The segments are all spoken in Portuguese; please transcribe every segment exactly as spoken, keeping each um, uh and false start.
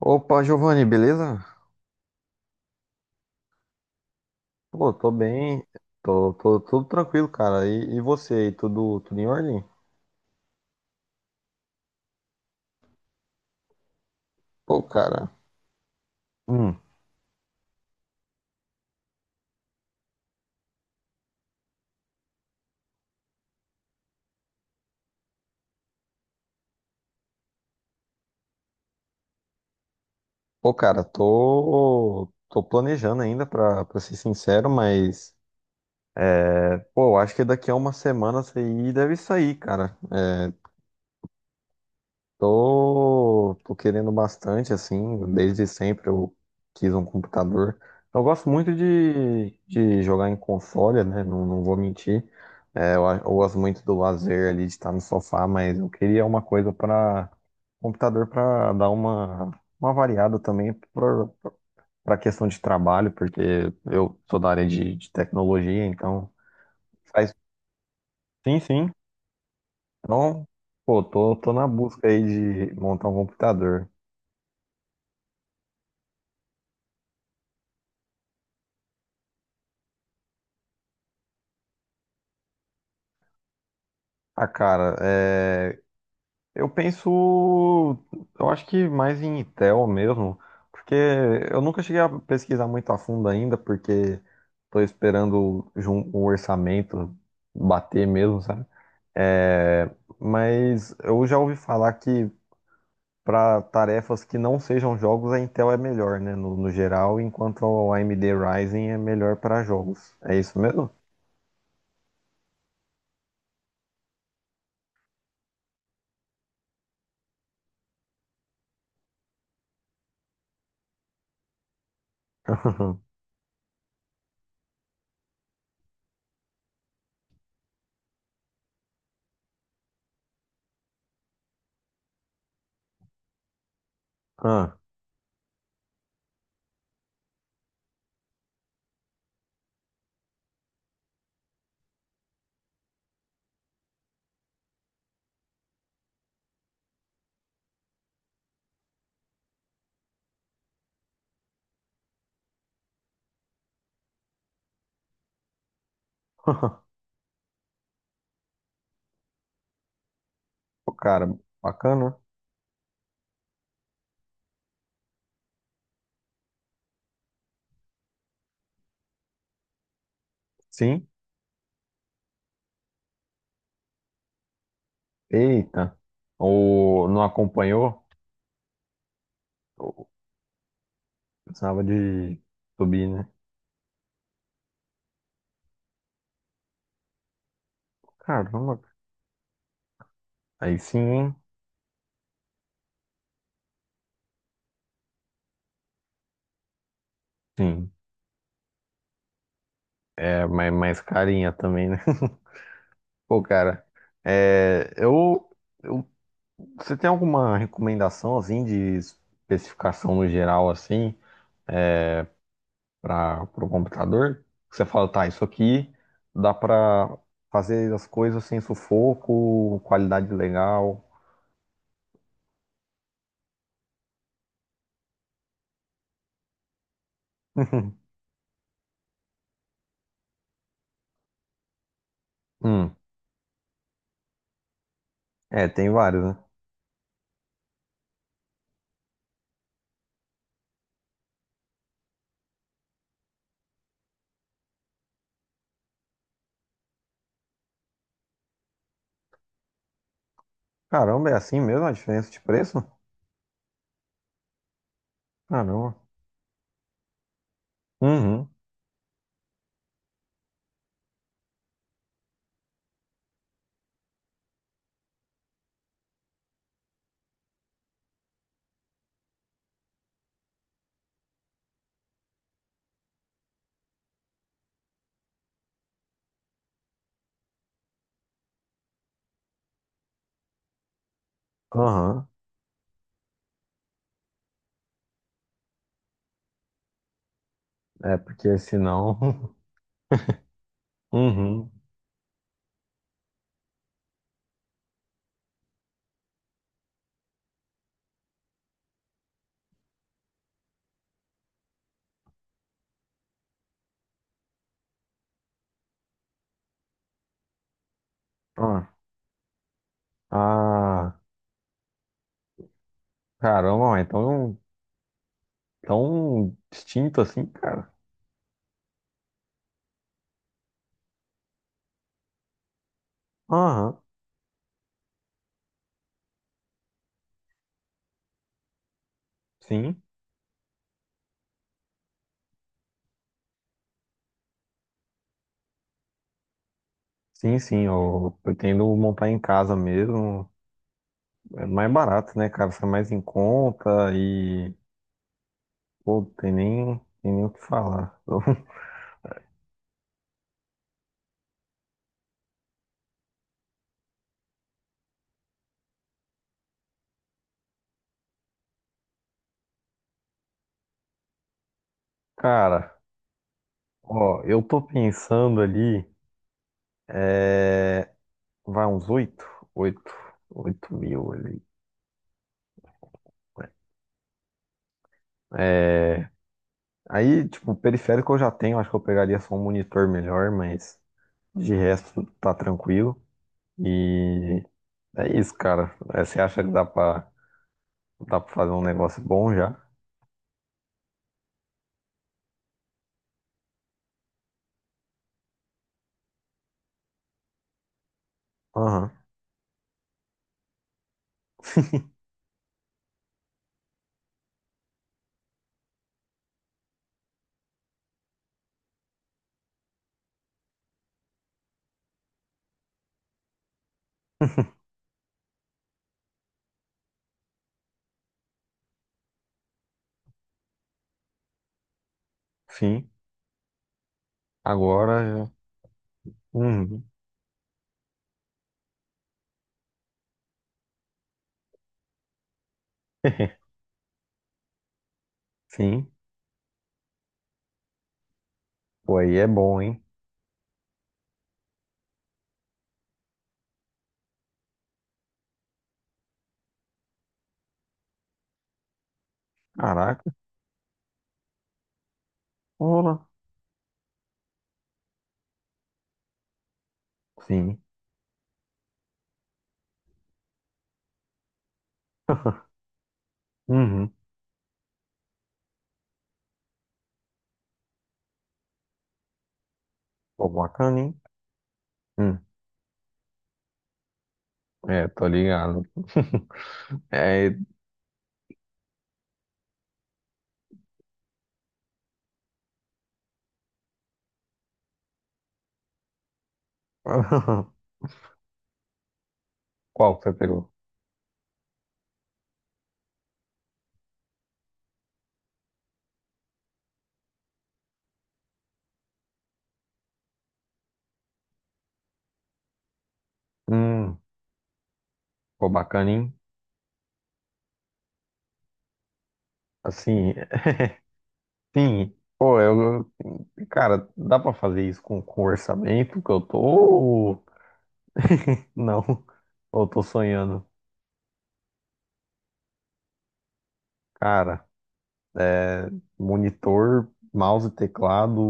Opa, Giovanni, beleza? Pô, tô bem, tô, tô tudo tranquilo, cara. E, e você aí, tudo, tudo em ordem? Pô, cara, hum. Pô, cara, tô, tô planejando ainda, pra, pra ser sincero, mas, é, pô, eu acho que daqui a uma semana isso aí deve sair, cara. É, Tô, tô querendo bastante, assim, desde sempre eu quis um computador. Eu gosto muito de, de jogar em console, né? Não, não vou mentir. É, eu, a- eu gosto muito do lazer ali, de estar no sofá, mas eu queria uma coisa para computador para dar uma, uma variada também para a questão de trabalho, porque eu sou da área de, de tecnologia, então faz. Sim, sim. Então, pô, tô, tô na busca aí de montar um computador. Ah, cara, é, eu penso, eu acho que mais em Intel mesmo, porque eu nunca cheguei a pesquisar muito a fundo ainda, porque estou esperando jun- o orçamento bater mesmo, sabe? É, mas eu já ouvi falar que para tarefas que não sejam jogos, a Intel é melhor, né, no, no geral, enquanto a AMD Ryzen é melhor para jogos. É isso mesmo? Ah, Pô, cara, bacana. Sim. Eita, ou não acompanhou? Ou precisava de subir, né? Caramba, aí sim, hein? Sim. É mais, mais carinha também, né? Pô, cara, é, eu, eu- você tem alguma recomendação, assim, de especificação no geral, assim, para o computador? Que você fala, tá, isso aqui dá pra fazer as coisas sem sufoco, qualidade legal. Hum, é, tem vários, né? Caramba, é assim mesmo a diferença de preço? Caramba. Uhum. Aham. É porque senão. Uhum. Ah. Ah. Caramba, então tão, tão distinto assim, cara. Aham. Sim. Sim, sim. Eu pretendo montar em casa mesmo. É mais barato, né, cara? Sai mais em conta e. Pô, tem nem, tem nem o que falar. Cara, ó, eu tô pensando ali. É... Vai uns oito? Oito. Oito mil ali. É. Aí, tipo, periférico eu já tenho, acho que eu pegaria só um monitor melhor, mas de resto tá tranquilo. E é isso, cara. É, você acha que dá pra, dá pra fazer um negócio bom já? Aham, sim. Agora já. Uhum. Sim. Pô, aí é bom, hein? Caraca. Olá. Sim. Uhum. Pô, bacana, hein? Hum. É, tô ligado. É... Qual que você pegou? Hum. Pô, bacana, hein? Assim. Sim, pô, eu, eu- cara, dá pra fazer isso com, com orçamento que eu tô? Não, eu tô sonhando. Cara, é, monitor, mouse, teclado,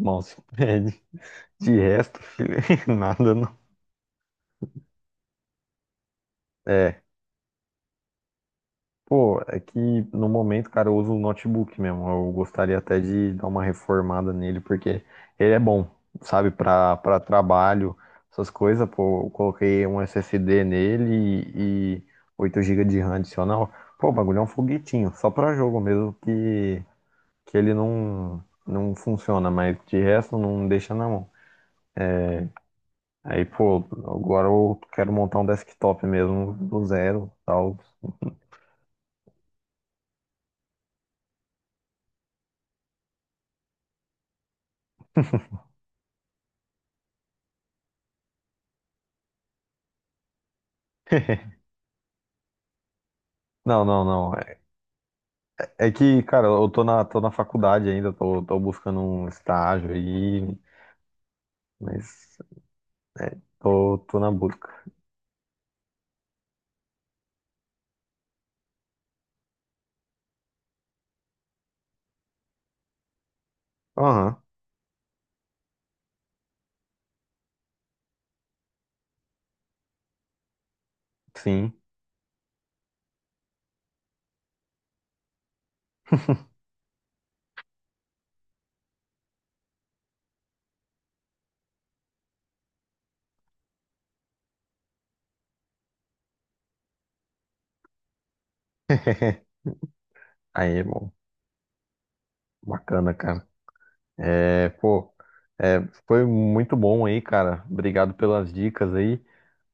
mousepad, de resto, filho, nada não. É, pô, é que no momento, cara, eu uso o notebook mesmo. Eu gostaria até de dar uma reformada nele, porque ele é bom, sabe, para para trabalho, essas coisas. Pô, eu coloquei um SSD nele e, e oito gigas de R A M adicional. Pô, o bagulho é um foguetinho, só para jogo mesmo que, que ele não, não funciona, mas de resto não deixa na mão. Aí, pô, agora eu quero montar um desktop mesmo do zero, tal. Não, não, não. É que, cara, eu tô na, tô na faculdade ainda, tô, tô buscando um estágio aí, mas é, tô, tô na busca. Aham, sim. Aí, bom, bacana, cara. É, pô, é, foi muito bom aí, cara. Obrigado pelas dicas aí,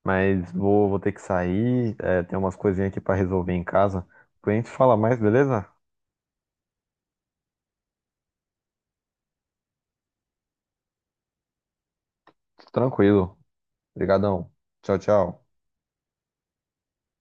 mas vou, vou ter que sair, é, tem umas coisinhas aqui pra resolver em casa. Depois a gente fala mais, beleza? Tranquilo. Obrigadão. Tchau, tchau.